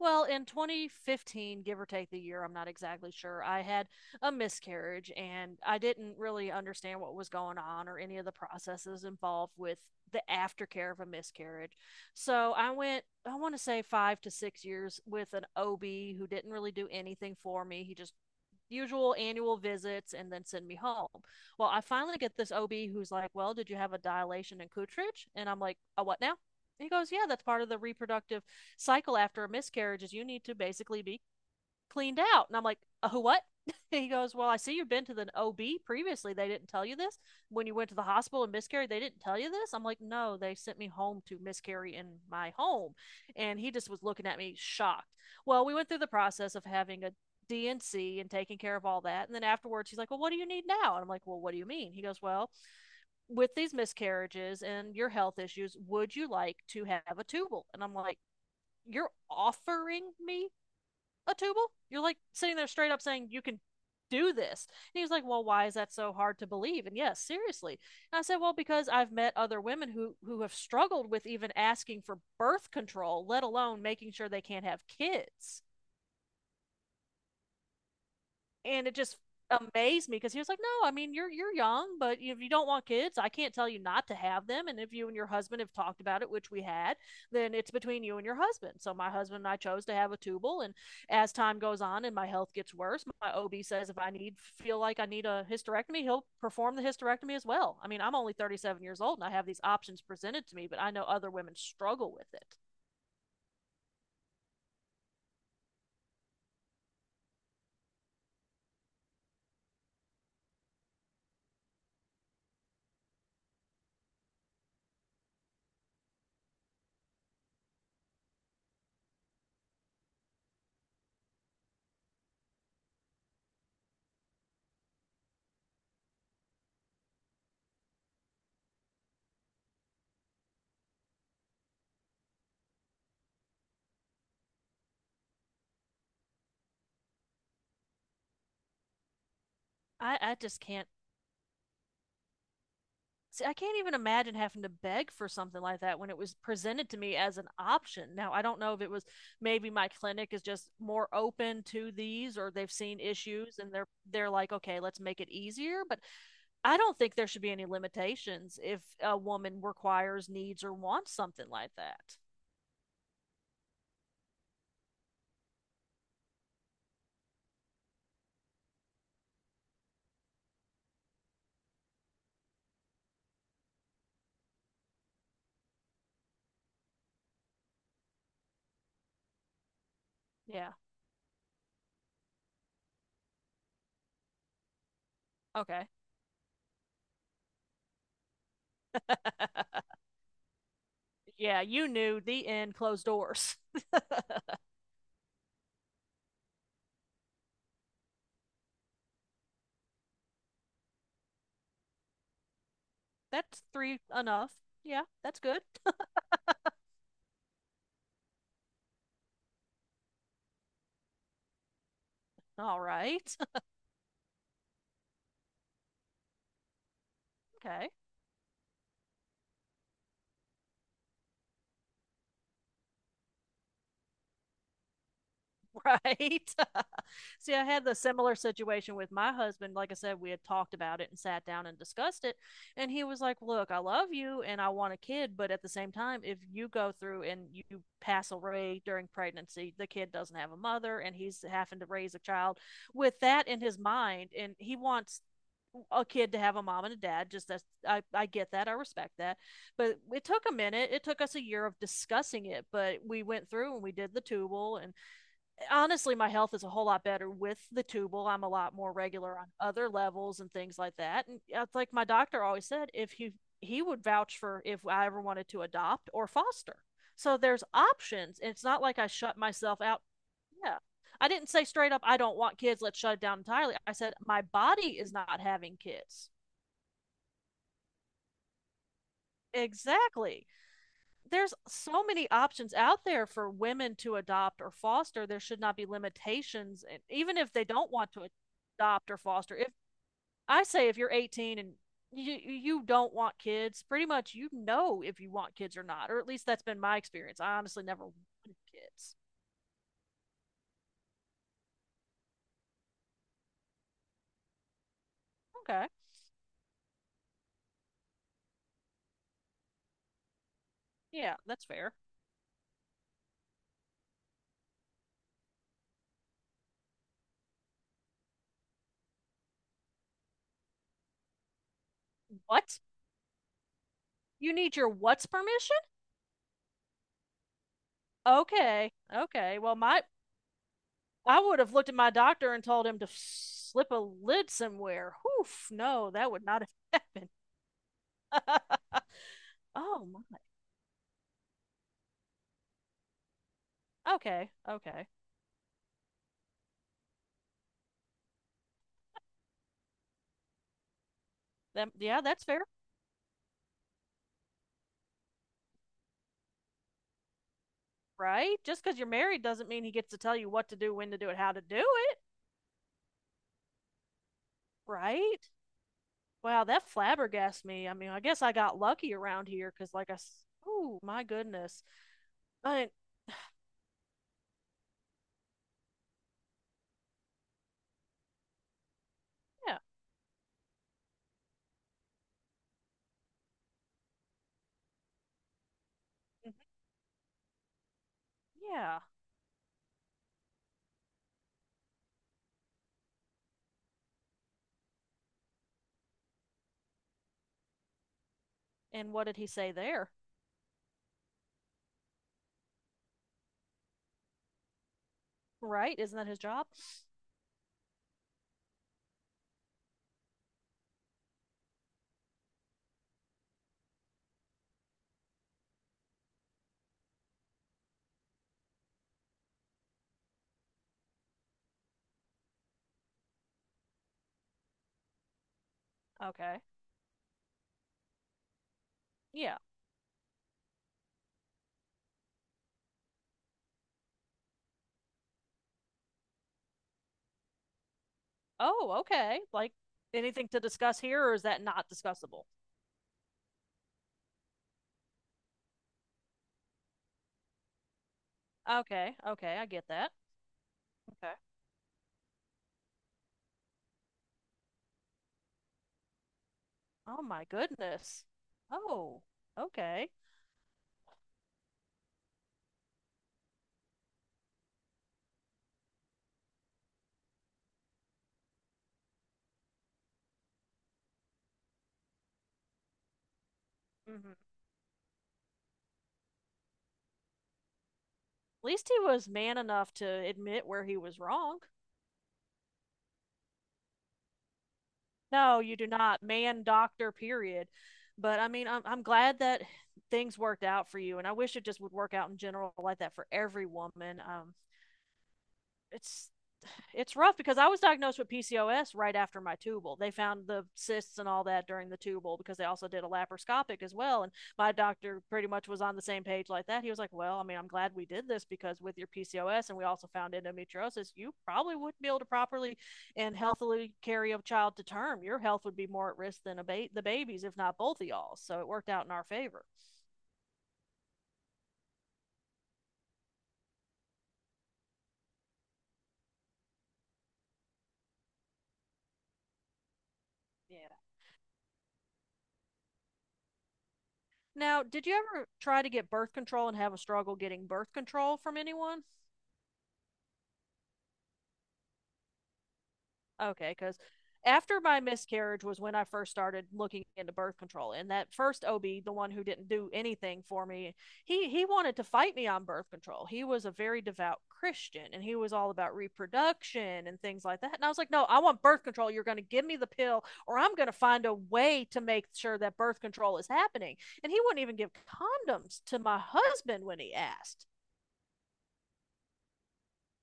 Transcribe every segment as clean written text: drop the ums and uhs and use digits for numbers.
Well, in 2015, give or take the year, I'm not exactly sure, I had a miscarriage and I didn't really understand what was going on or any of the processes involved with the aftercare of a miscarriage. So I went, I want to say 5 to 6 years with an OB who didn't really do anything for me. He just usual annual visits and then send me home. Well, I finally get this OB who's like, well, did you have a dilation and Kutrich? And I'm like, a what now? And he goes, yeah, that's part of the reproductive cycle after a miscarriage is you need to basically be cleaned out. And I'm like, oh, what? He goes, well, I see you've been to the OB previously. They didn't tell you this. When you went to the hospital and miscarried, they didn't tell you this. I'm like, no, they sent me home to miscarry in my home. And he just was looking at me shocked. Well, we went through the process of having a D and C and taking care of all that. And then afterwards, he's like, well, what do you need now? And I'm like, well, what do you mean? He goes, well, with these miscarriages and your health issues, would you like to have a tubal? And I'm like, you're offering me a tubal? You're like sitting there straight up saying you can do this. And he was like, well, why is that so hard to believe? And yes, seriously. And I said, well, because I've met other women who have struggled with even asking for birth control, let alone making sure they can't have kids, and it just amazed me because he was like, "No, I mean you're young, but if you don't want kids, I can't tell you not to have them. And if you and your husband have talked about it, which we had, then it's between you and your husband." So my husband and I chose to have a tubal, and as time goes on and my health gets worse, my OB says if I need feel like I need a hysterectomy, he'll perform the hysterectomy as well. I mean, I'm only 37 years old and I have these options presented to me, but I know other women struggle with it. I just can't. See, I can't even imagine having to beg for something like that when it was presented to me as an option. Now, I don't know if it was maybe my clinic is just more open to these or they've seen issues and they're like, "Okay, let's make it easier." But I don't think there should be any limitations if a woman requires, needs or wants something like that. Yeah. Okay. Yeah, you knew the end closed doors. That's three enough. Yeah, that's good. All right. Okay. Right? See, I had the similar situation with my husband. Like I said, we had talked about it and sat down and discussed it. And he was like, look, I love you and I want a kid. But at the same time, if you go through and you pass away during pregnancy, the kid doesn't have a mother and he's having to raise a child with that in his mind. And he wants a kid to have a mom and a dad. Just that's, I get that. I respect that. But it took a minute. It took us a year of discussing it. But we went through and we did the tubal, and honestly my health is a whole lot better with the tubal. I'm a lot more regular on other levels and things like that. And yeah, it's like my doctor always said if he he would vouch for if I ever wanted to adopt or foster. So there's options. It's not like I shut myself out. Yeah, I didn't say straight up I don't want kids, let's shut it down entirely. I said my body is not having kids. Exactly. There's so many options out there for women to adopt or foster. There should not be limitations, and even if they don't want to adopt or foster. If I say if you're 18 and you don't want kids, pretty much you know if you want kids or not, or at least that's been my experience. I honestly never wanted kids. Okay, yeah, that's fair. What? You need your what's permission? Okay, okay. Well, my I would have looked at my doctor and told him to slip a lid somewhere. Oof, no, that would not have happened. Oh my. Okay. Okay. That, yeah, that's fair, right? Just because you're married doesn't mean he gets to tell you what to do, when to do it, how to do it, right? Wow, that flabbergasted me. I mean, I guess I got lucky around here because, like, I. s- Oh my goodness. I yeah, mhm, yeah. And what did he say there? Right? Isn't that his job? Okay. Yeah. Oh, okay. Like, anything to discuss here, or is that not discussable? Okay. Okay, I get that. Okay. Oh my goodness. Oh, okay. Hmm. At least he was man enough to admit where he was wrong. No, you do not, man doctor, period. But I mean, I'm glad that things worked out for you, and I wish it just would work out in general like that for every woman. It's it's rough because I was diagnosed with PCOS right after my tubal. They found the cysts and all that during the tubal because they also did a laparoscopic as well. And my doctor pretty much was on the same page like that. He was like, well, I mean, I'm glad we did this because with your PCOS and we also found endometriosis, you probably wouldn't be able to properly and healthily carry a child to term. Your health would be more at risk than a the babies, if not both of y'all. So it worked out in our favor. Yeah. Now, did you ever try to get birth control and have a struggle getting birth control from anyone? Okay, because after my miscarriage was when I first started looking into birth control. And that first OB, the one who didn't do anything for me, he wanted to fight me on birth control. He was a very devout Christian and he was all about reproduction and things like that. And I was like, "No, I want birth control. You're going to give me the pill or I'm going to find a way to make sure that birth control is happening." And he wouldn't even give condoms to my husband when he asked.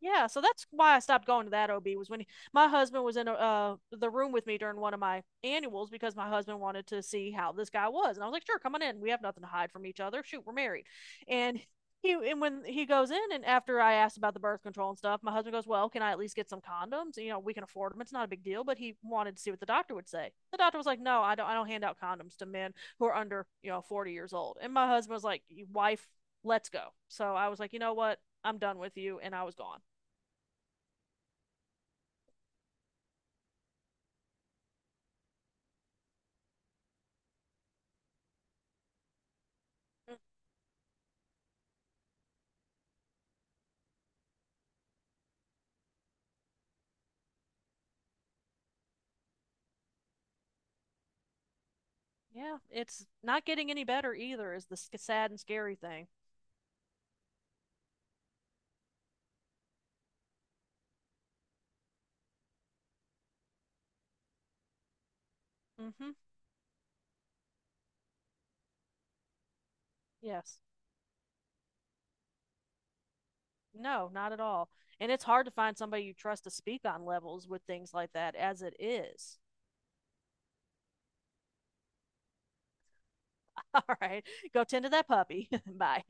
Yeah, so that's why I stopped going to that OB was when he, my husband was in a, the room with me during one of my annuals because my husband wanted to see how this guy was, and I was like, "Sure, come on in. We have nothing to hide from each other. Shoot, we're married." And he and when he goes in, and after I asked about the birth control and stuff, my husband goes, "Well, can I at least get some condoms? You know, we can afford them. It's not a big deal." But he wanted to see what the doctor would say. The doctor was like, "No, I don't. I don't hand out condoms to men who are under you know 40 years old." And my husband was like, "Wife, let's go." So I was like, "You know what? I'm done with you," and I was gone. Mm, yeah, it's not getting any better either, is the sad and scary thing. Mm-hmm. Yes. No, not at all. And it's hard to find somebody you trust to speak on levels with things like that as it is. All right. Go tend to that puppy. Bye.